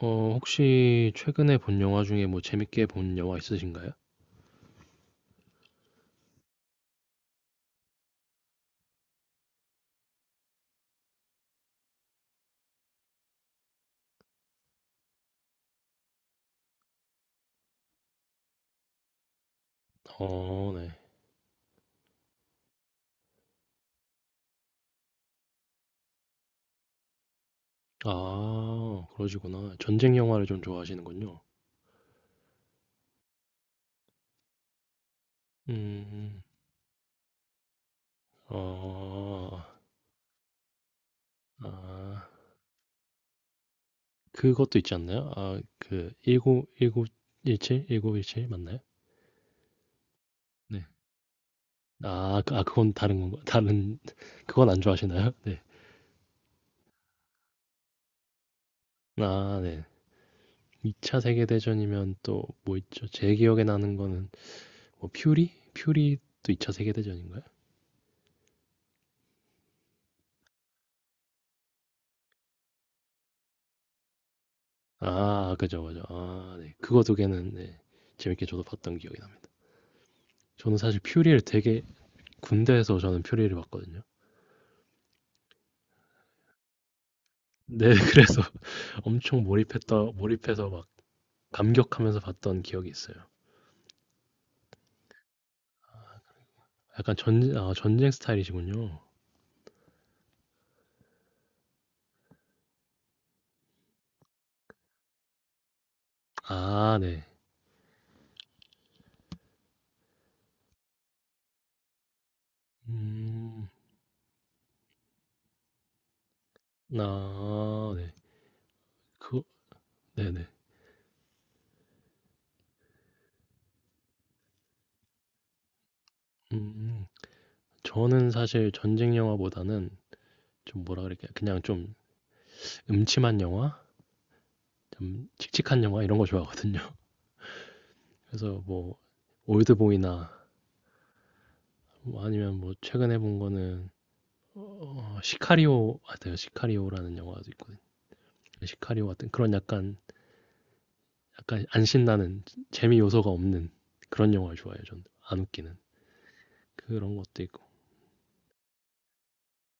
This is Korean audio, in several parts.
혹시 최근에 본 영화 중에 뭐 재밌게 본 영화 있으신가요? 어, 네. 아, 그러시구나. 전쟁 영화를 좀 좋아하시는군요. 음. 음. 어. 아. 그것도 있지 않나요? 그 19 1구일7 일구 일칠 맞나요? 네. 아, 그건 다른 건가, 다른 그건 안 좋아하시나요? 네. 아, 네. 2차 세계 대전이면 또 뭐 있죠? 제 기억에 나는 거는 뭐 퓨리? 퓨리도 2 차 세계 대전인가요? 아, 그죠, 그죠. 아, 네. 그거 두 개는, 네, 재밌게 저도 봤던 기억이 납니다. 저는 사실 퓨리를 되게 군대에서 저는 퓨리를 봤거든요. 네. 그래서 엄청 몰입했다 몰입해서 막 감격하면서 봤던 기억이 있어요. 약간 전, 전쟁 스타일이시군요. 아, 네. 음. 아, 네. 그, 네네. 음. 저는 사실 전쟁 영화보다는 좀 뭐라 그럴까요? 그냥 좀 음침한 영화? 좀 칙칙한 영화 이런 거 좋아하거든요. 그래서 뭐 올드보이나, 뭐 아니면 뭐 최근에 본 거는 시카리오 같아요. 시카리오라는 영화도 있거든요. 그 시카리오 같은 그런 약간, 약간 안 신나는, 재미 요소가 없는 그런 영화를 좋아해요. 저는 안 웃기는 그런 것도 있고.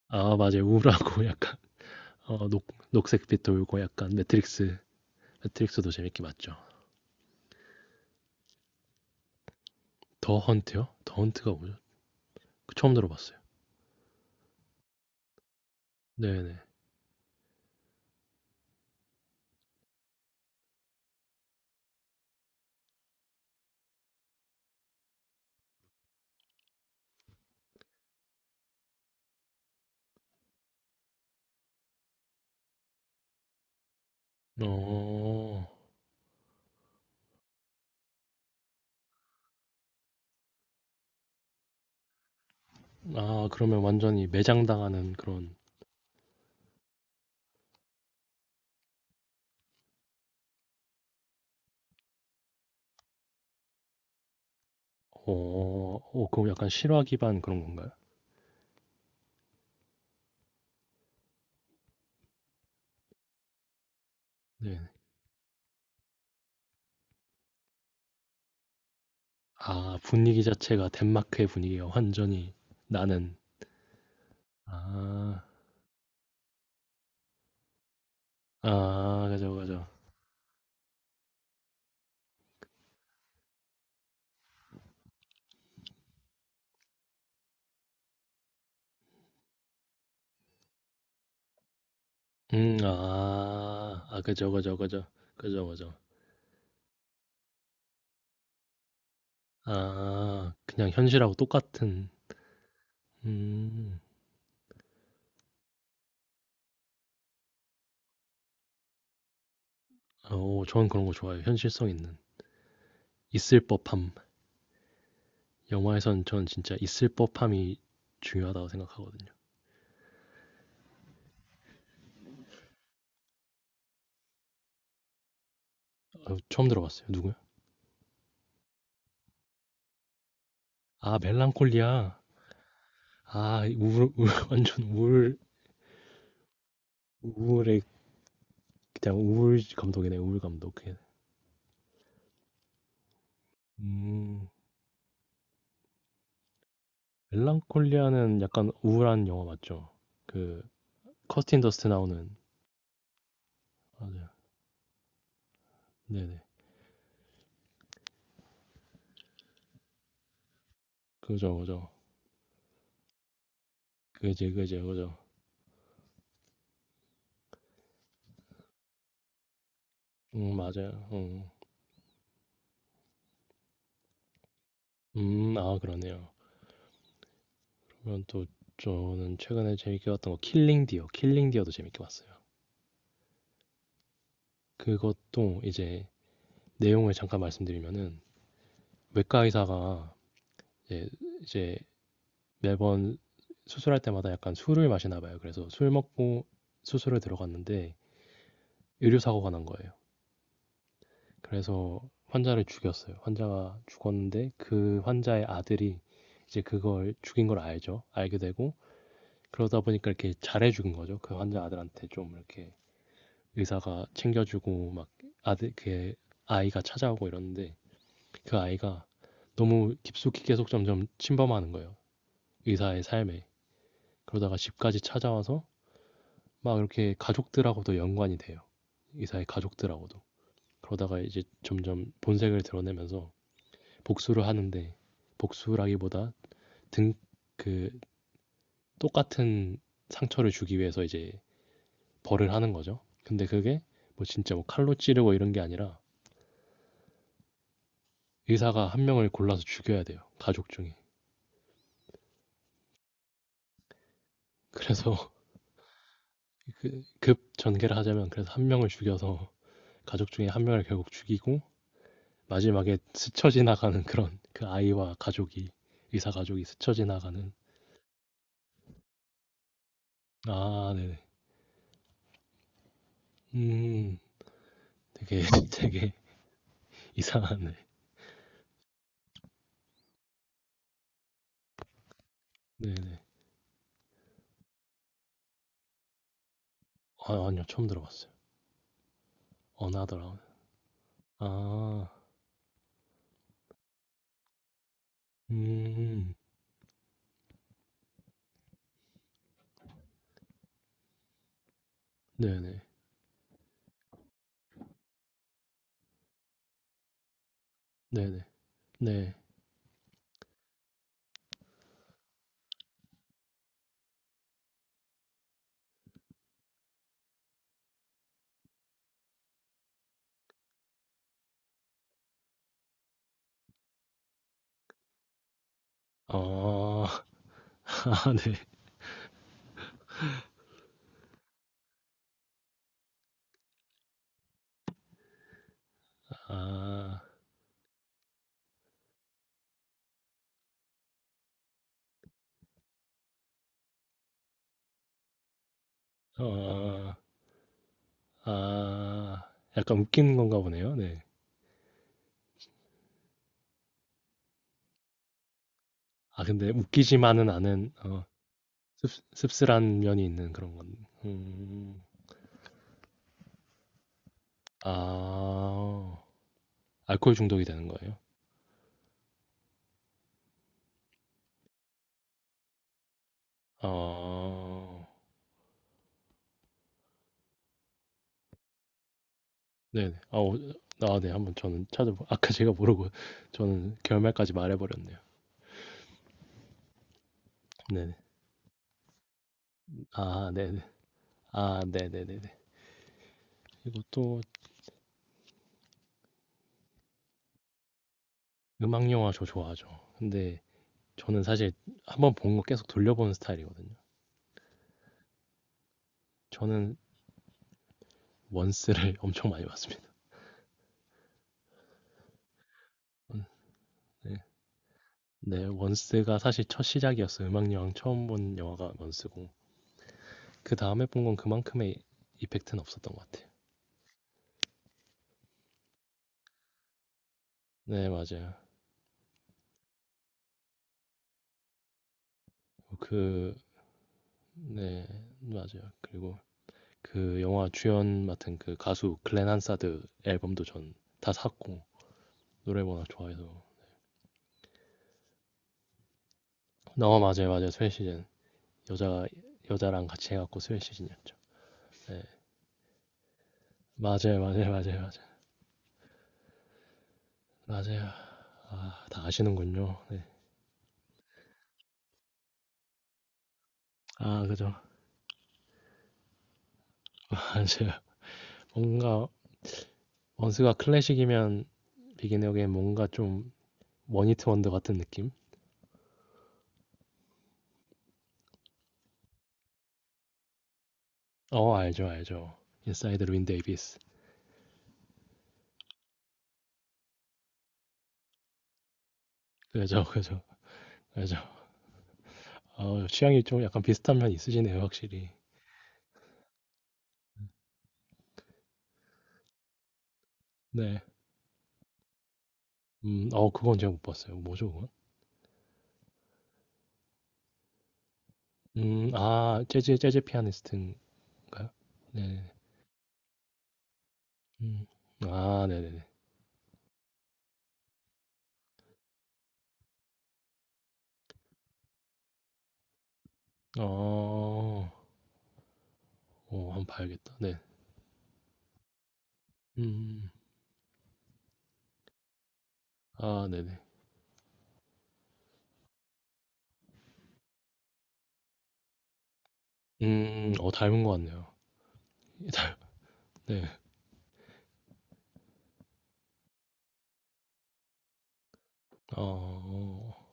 아, 맞아요. 우울하고 약간 어, 녹 녹색빛 돌고 약간 매트릭스. 매트릭스도 재밌게 봤죠. 더 헌트요? 더 헌트가 뭐죠? 그, 처음 들어봤어요. 네네. 어. 아, 그러면 완전히 매장당하는 그런. 어. 어, 그럼 약간 실화 기반 그런 건가요? 네. 아, 분위기 자체가 덴마크의 분위기가 완전히 나는. 아. 아, 그죠, 그죠. 아. 아, 그죠, 그죠, 그죠. 그죠, 그죠. 아, 그냥 현실하고 똑같은. 음. 어, 저는 그런 거 좋아해요. 현실성 있는. 있을 법함. 영화에선 전 진짜 있을 법함이 중요하다고 생각하거든요. 처음 들어봤어요. 누구요? 아, 멜랑콜리아. 아, 우울, 우울 완전 우울, 우울의. 그냥 우울 감독이네. 우울 감독. 그냥. 음. 멜랑콜리아는 약간 우울한 영화 맞죠? 그, 커스틴 더스트 나오는. 맞아요. 네네. 그죠, 그죠. 그죠, 그죠, 그죠. 음, 맞아요. 음. 아, 그러네요. 그러면 또, 저는 최근에 재밌게 봤던 거 킬링 디어. 킬링 디어도 재밌게 봤어요. 그것도 이제 내용을 잠깐 말씀드리면은 외과 의사가 이제, 이제 매번 수술할 때마다 약간 술을 마시나 봐요. 그래서 술 먹고 수술에 들어갔는데 의료 사고가 난 거예요. 그래서 환자를 죽였어요. 환자가 죽었는데 그 환자의 아들이 이제 그걸 죽인 걸 알죠. 알게 되고, 그러다 보니까 이렇게 잘해 죽은 거죠. 그 환자 아들한테 좀 이렇게 의사가 챙겨주고, 막 아들, 그 아이가 찾아오고 이러는데 그 아이가 너무 깊숙이 계속 점점 침범하는 거예요. 의사의 삶에. 그러다가 집까지 찾아와서 막 이렇게 가족들하고도 연관이 돼요. 의사의 가족들하고도. 그러다가 이제 점점 본색을 드러내면서 복수를 하는데, 복수라기보다 등, 그 똑같은 상처를 주기 위해서 이제 벌을 하는 거죠. 근데 그게 뭐 진짜 뭐 칼로 찌르고 이런 게 아니라 의사가 한 명을 골라서 죽여야 돼요. 가족 중에. 그래서 급 전개를 하자면 그래서 한 명을 죽여서 가족 중에 한 명을 결국 죽이고 마지막에 스쳐 지나가는 그런, 그 아이와 가족이, 의사 가족이 스쳐 지나가는. 네네. 음. 되게 되게 이상하네. 네네. 아, 아니요, 처음 들어봤어요. 어나더라운, 아음 네네. 네네. 네. 어. 아, 네. 아, 어, 아, 약간 웃기는 건가 보네요. 네. 아, 근데 웃기지만은 않은, 씁, 씁쓸한 면이 있는 그런 건. 음, 아, 알코올 중독이 되는 거예요? 아, 네네. 아, 어, 아, 네. 한번 저는 찾아보, 아까 제가 모르고 저는 결말까지 말해버렸네요. 네네. 아, 네네. 아, 네네네네. 그리고 또, 음악 영화 저 좋아하죠. 근데 저는 사실 한번 본 거 계속 돌려보는 스타일이거든요. 저는 원스를 엄청 많이 봤습니다. 원- 네. 네, 원스가 사실 첫 시작이었어요. 음악 영화 처음 본 영화가 원스고. 그 다음에 본 건 그만큼의 이펙트는 없었던 것 같아요. 네, 맞아요. 그, 네, 맞아요. 그리고 그 영화 주연 맡은 그 가수 글렌 한사드 앨범도 전 다 샀고 노래 워낙 좋아해서. 어, 맞아요, 맞아요. 스웨 시즌, 여자 여자랑 같이 해갖고 스웨 시즌이었죠. 네, 맞아요, 맞아요, 맞아요, 맞아요, 맞아요. 아, 다 아시는군요. 네. 아, 그죠. 맞아요. 뭔가 원스가 클래식이면 비긴 에어게인 뭔가 좀 원히트 원더 같은 느낌? 어, 알죠, 알죠. 인사이드 루인 데이비스. 그죠, 그죠, 그죠. 아, 취향이 좀 약간 비슷한 면이 있으시네요, 확실히. 네. 그건 제가 못 봤어요. 뭐죠 그건? 재즈 피아니스트인가요? 네네네. 음. 아, 네네네. 어. 어, 한번 봐야겠다. 네. 음음아, 네네. 음, 어, 닮은 것 같네요. 네. 어. 어,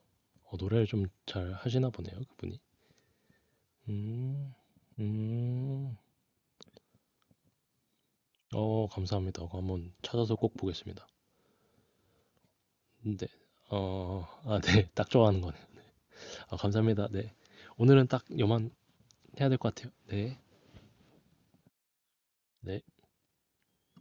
어, 노래를 좀 잘 하시나 보네요 그분이. 음. 음. 어, 감사합니다. 그거 한번 찾아서 꼭 보겠습니다. 네. 어, 아, 네. 딱 좋아하는 거네요. 아, 감사합니다. 네. 오늘은 딱 요만 해야 될 것 같아요. 네. 네.